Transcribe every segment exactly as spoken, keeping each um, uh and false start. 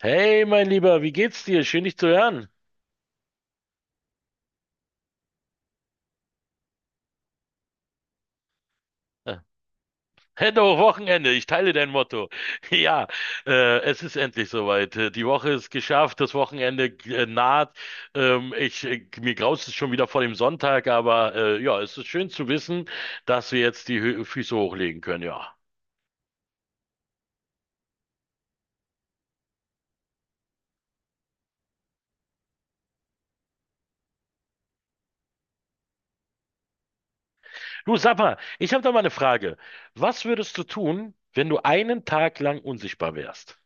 Hey, mein Lieber, wie geht's dir? Schön, dich zu hören. Äh, Hello, Wochenende, ich teile dein Motto. Ja, äh, es ist endlich soweit. Äh, Die Woche ist geschafft, das Wochenende äh, naht. Ähm, ich, äh, mir graust es schon wieder vor dem Sonntag, aber äh, ja, es ist schön zu wissen, dass wir jetzt die Hö Füße hochlegen können, ja. Du, sag mal, ich habe da mal eine Frage. Was würdest du tun, wenn du einen Tag lang unsichtbar wärst?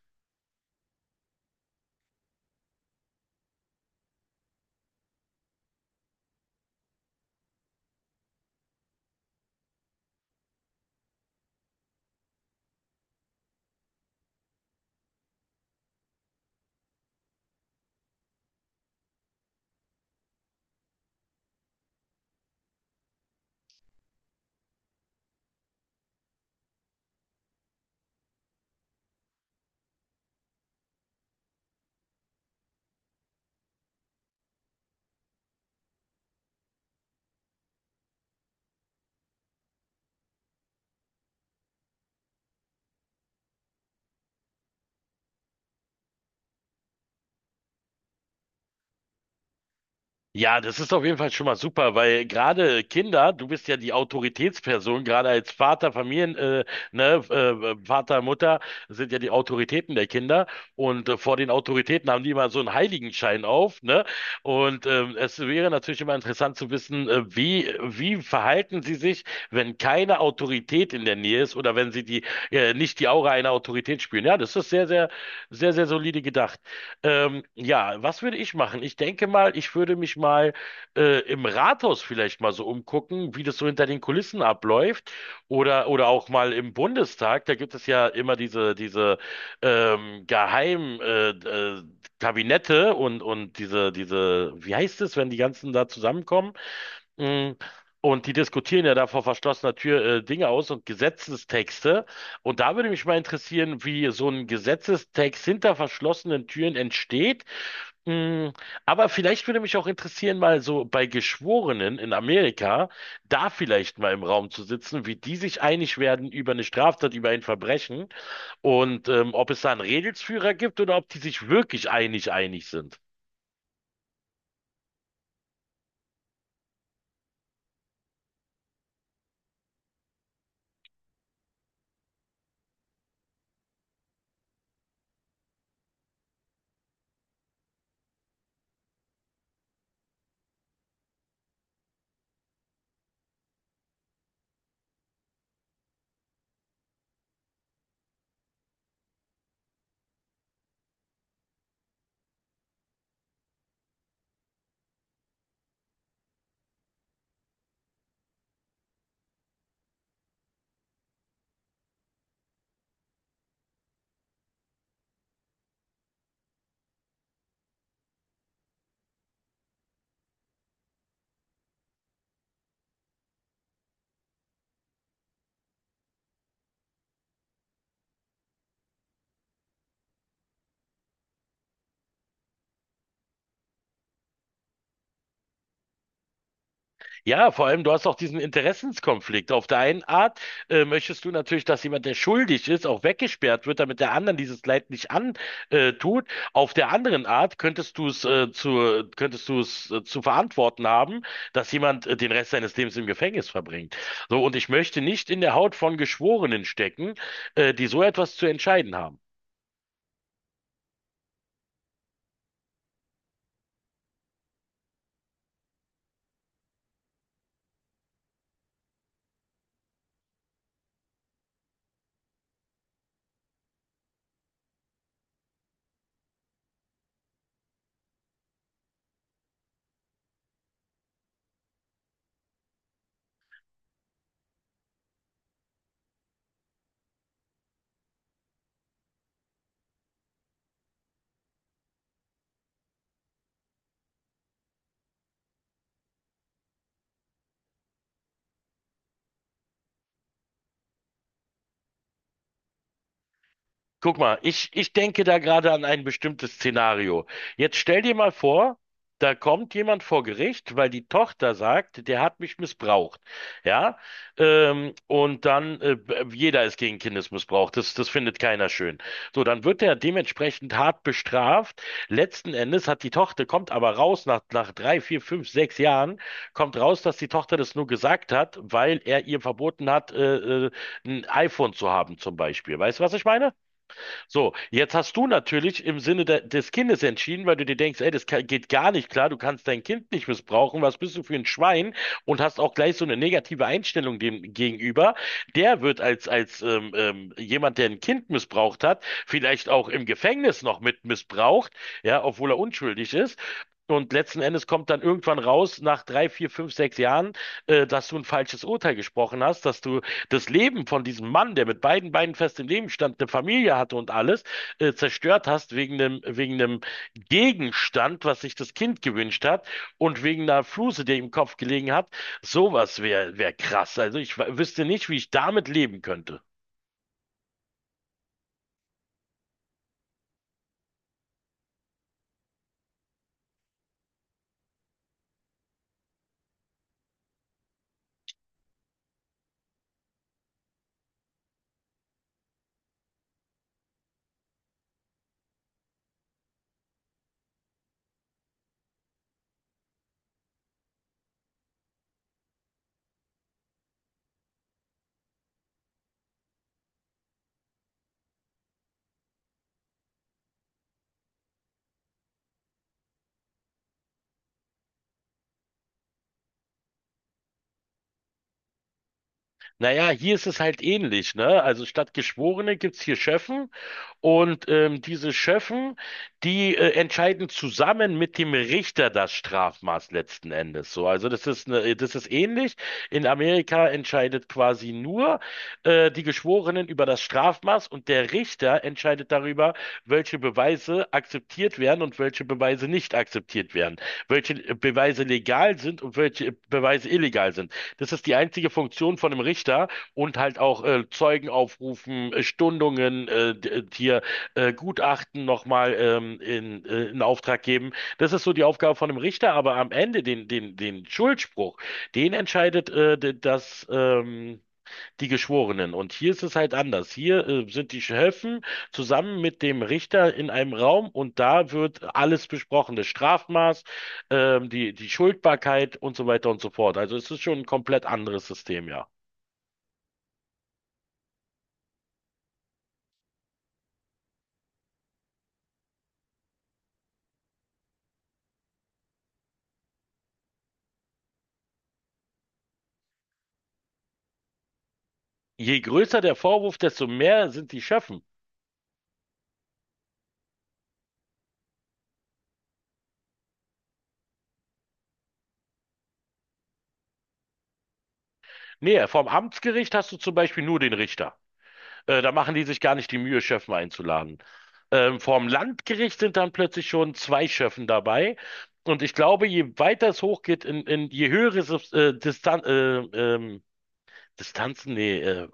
Ja, das ist auf jeden Fall schon mal super, weil gerade Kinder, du bist ja die Autoritätsperson, gerade als Vater, Familien, äh, ne, äh, Vater, Mutter sind ja die Autoritäten der Kinder und äh, vor den Autoritäten haben die immer so einen Heiligenschein auf, ne? Und ähm, es wäre natürlich immer interessant zu wissen, äh, wie wie verhalten sie sich, wenn keine Autorität in der Nähe ist oder wenn sie die äh, nicht die Aura einer Autorität spüren. Ja, das ist sehr, sehr, sehr, sehr solide gedacht. Ähm, ja, was würde ich machen? Ich denke mal, ich würde mich mal äh, im Rathaus vielleicht mal so umgucken, wie das so hinter den Kulissen abläuft. Oder, oder auch mal im Bundestag. Da gibt es ja immer diese, diese ähm, geheim äh, äh, Kabinette und, und diese, diese, wie heißt es, wenn die ganzen da zusammenkommen? Mm, Und die diskutieren ja da vor verschlossener Tür äh, Dinge aus und Gesetzestexte. Und da würde mich mal interessieren, wie so ein Gesetzestext hinter verschlossenen Türen entsteht. Mm, Aber vielleicht würde mich auch interessieren, mal so bei Geschworenen in Amerika, da vielleicht mal im Raum zu sitzen, wie die sich einig werden über eine Straftat, über ein Verbrechen und ähm, ob es da einen Regelsführer gibt oder ob die sich wirklich einig einig sind. Ja, vor allem, du hast auch diesen Interessenskonflikt. Auf der einen Art äh, möchtest du natürlich, dass jemand, der schuldig ist, auch weggesperrt wird, damit der anderen dieses Leid nicht antut. Äh, tut. Auf der anderen Art könntest du es äh, zu, könntest du es äh, zu verantworten haben, dass jemand äh, den Rest seines Lebens im Gefängnis verbringt. So, und ich möchte nicht in der Haut von Geschworenen stecken, äh, die so etwas zu entscheiden haben. Guck mal, ich, ich denke da gerade an ein bestimmtes Szenario. Jetzt stell dir mal vor, da kommt jemand vor Gericht, weil die Tochter sagt, der hat mich missbraucht. Ja, ähm, und dann, äh, b- jeder ist gegen Kindesmissbrauch. Das, das findet keiner schön. So, dann wird er dementsprechend hart bestraft. Letzten Endes hat die Tochter, kommt aber raus nach, nach drei, vier, fünf, sechs Jahren, kommt raus, dass die Tochter das nur gesagt hat, weil er ihr verboten hat, äh, äh, ein iPhone zu haben, zum Beispiel. Weißt du, was ich meine? So, jetzt hast du natürlich im Sinne de des Kindes entschieden, weil du dir denkst, ey, das ka- geht gar nicht klar, du kannst dein Kind nicht missbrauchen, was bist du für ein Schwein? Und hast auch gleich so eine negative Einstellung dem gegenüber. Der wird als, als ähm, ähm, jemand, der ein Kind missbraucht hat, vielleicht auch im Gefängnis noch mit missbraucht, ja, obwohl er unschuldig ist. Und letzten Endes kommt dann irgendwann raus, nach drei, vier, fünf, sechs Jahren, äh, dass du ein falsches Urteil gesprochen hast, dass du das Leben von diesem Mann, der mit beiden Beinen fest im Leben stand, eine Familie hatte und alles, äh, zerstört hast wegen einem, wegen einem Gegenstand, was sich das Kind gewünscht hat und wegen einer Fluse, die ihm im Kopf gelegen hat, sowas wäre wär krass. Also ich w- wüsste nicht, wie ich damit leben könnte. Naja, hier ist es halt ähnlich, ne? Also statt Geschworene gibt's hier Schöffen Und ähm, diese Schöffen, die äh, entscheiden zusammen mit dem Richter das Strafmaß letzten Endes. So, also das ist eine, das ist ähnlich. In Amerika entscheidet quasi nur äh, die Geschworenen über das Strafmaß und der Richter entscheidet darüber, welche Beweise akzeptiert werden und welche Beweise nicht akzeptiert werden, welche äh, Beweise legal sind und welche Beweise illegal sind. Das ist die einzige Funktion von einem Richter und halt auch äh, Zeugen aufrufen, äh, Stundungen, äh, d- äh, hier äh, Gutachten nochmal ähm, in, äh, in Auftrag geben. Das ist so die Aufgabe von einem Richter, aber am Ende den, den, den Schuldspruch, den entscheidet äh, d- das, ähm, die Geschworenen. Und hier ist es halt anders. Hier äh, sind die Schöffen zusammen mit dem Richter in einem Raum und da wird alles besprochen, das Strafmaß, ähm, die, die Schuldbarkeit und so weiter und so fort. Also es ist schon ein komplett anderes System, ja. Je größer der Vorwurf, desto mehr sind die Schöffen. Nee, vom Amtsgericht hast du zum Beispiel nur den Richter. Äh, da machen die sich gar nicht die Mühe, Schöffen einzuladen. Ähm, vom Landgericht sind dann plötzlich schon zwei Schöffen dabei. Und ich glaube, je weiter es hochgeht, in, in je höhere Subs- äh, Distan äh, ähm, Distanzen, nee, äh,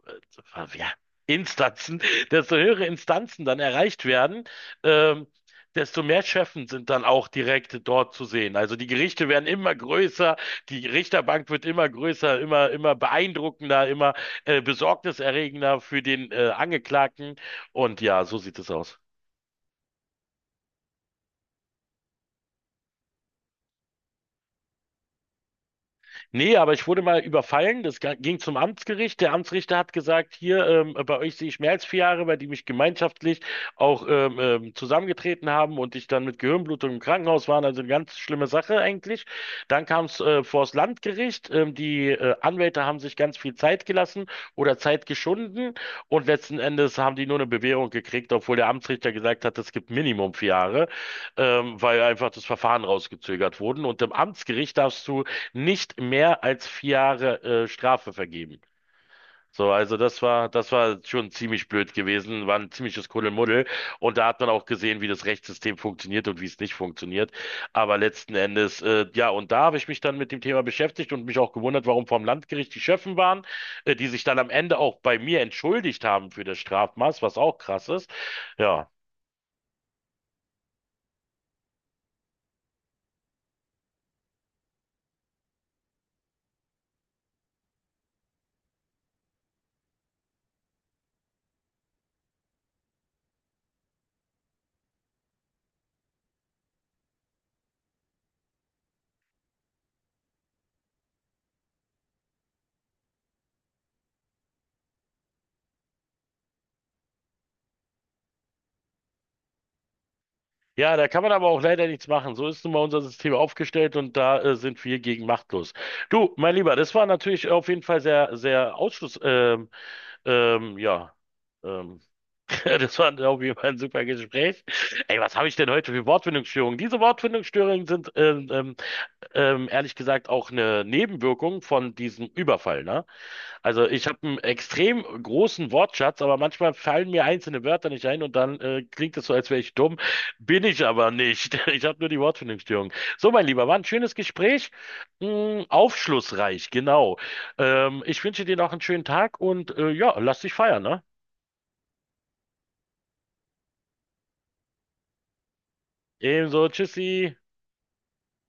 äh, ja, Instanzen, desto höhere Instanzen dann erreicht werden, ähm, desto mehr Schöffen sind dann auch direkt dort zu sehen. Also die Gerichte werden immer größer, die Richterbank wird immer größer, immer, immer beeindruckender, immer äh, besorgniserregender für den äh, Angeklagten. Und ja, so sieht es aus. Nee, aber ich wurde mal überfallen. Das ga- ging zum Amtsgericht. Der Amtsrichter hat gesagt, hier, ähm, bei euch sehe ich mehr als vier Jahre, weil die mich gemeinschaftlich auch ähm, ähm, zusammengetreten haben und ich dann mit Gehirnblutung im Krankenhaus war. Also eine ganz schlimme Sache eigentlich. Dann kam es äh, vors Landgericht. Ähm, die äh, Anwälte haben sich ganz viel Zeit gelassen oder Zeit geschunden und letzten Endes haben die nur eine Bewährung gekriegt, obwohl der Amtsrichter gesagt hat, es gibt Minimum vier Jahre, ähm, weil einfach das Verfahren rausgezögert wurden. Und im Amtsgericht darfst du nicht mehr als vier Jahre äh, Strafe vergeben. So, also das war, das war schon ziemlich blöd gewesen, war ein ziemliches Kuddelmuddel. Und da hat man auch gesehen, wie das Rechtssystem funktioniert und wie es nicht funktioniert. Aber letzten Endes, äh, ja, und da habe ich mich dann mit dem Thema beschäftigt und mich auch gewundert, warum vom Landgericht die Schöffen waren, äh, die sich dann am Ende auch bei mir entschuldigt haben für das Strafmaß, was auch krass ist. Ja, Ja, da kann man aber auch leider nichts machen. So ist nun mal unser System aufgestellt und da äh, sind wir gegen machtlos. Du, mein Lieber, das war natürlich auf jeden Fall sehr, sehr Ausschluss. Ähm, ähm, ja, ähm, das war auf jeden Fall ein super Gespräch. Ey, was habe ich denn heute für Wortfindungsstörungen? Diese Wortfindungsstörungen sind ähm, ähm, ähm, ehrlich gesagt auch eine Nebenwirkung von diesem Überfall, ne? Also ich habe einen extrem großen Wortschatz, aber manchmal fallen mir einzelne Wörter nicht ein und dann äh, klingt es so, als wäre ich dumm. Bin ich aber nicht. Ich habe nur die Wortfindungsstörung. So, mein Lieber, war ein schönes Gespräch. Hm, aufschlussreich, genau. Ähm, ich wünsche dir noch einen schönen Tag und äh, ja, lass dich feiern, ne? Ebenso, tschüssi.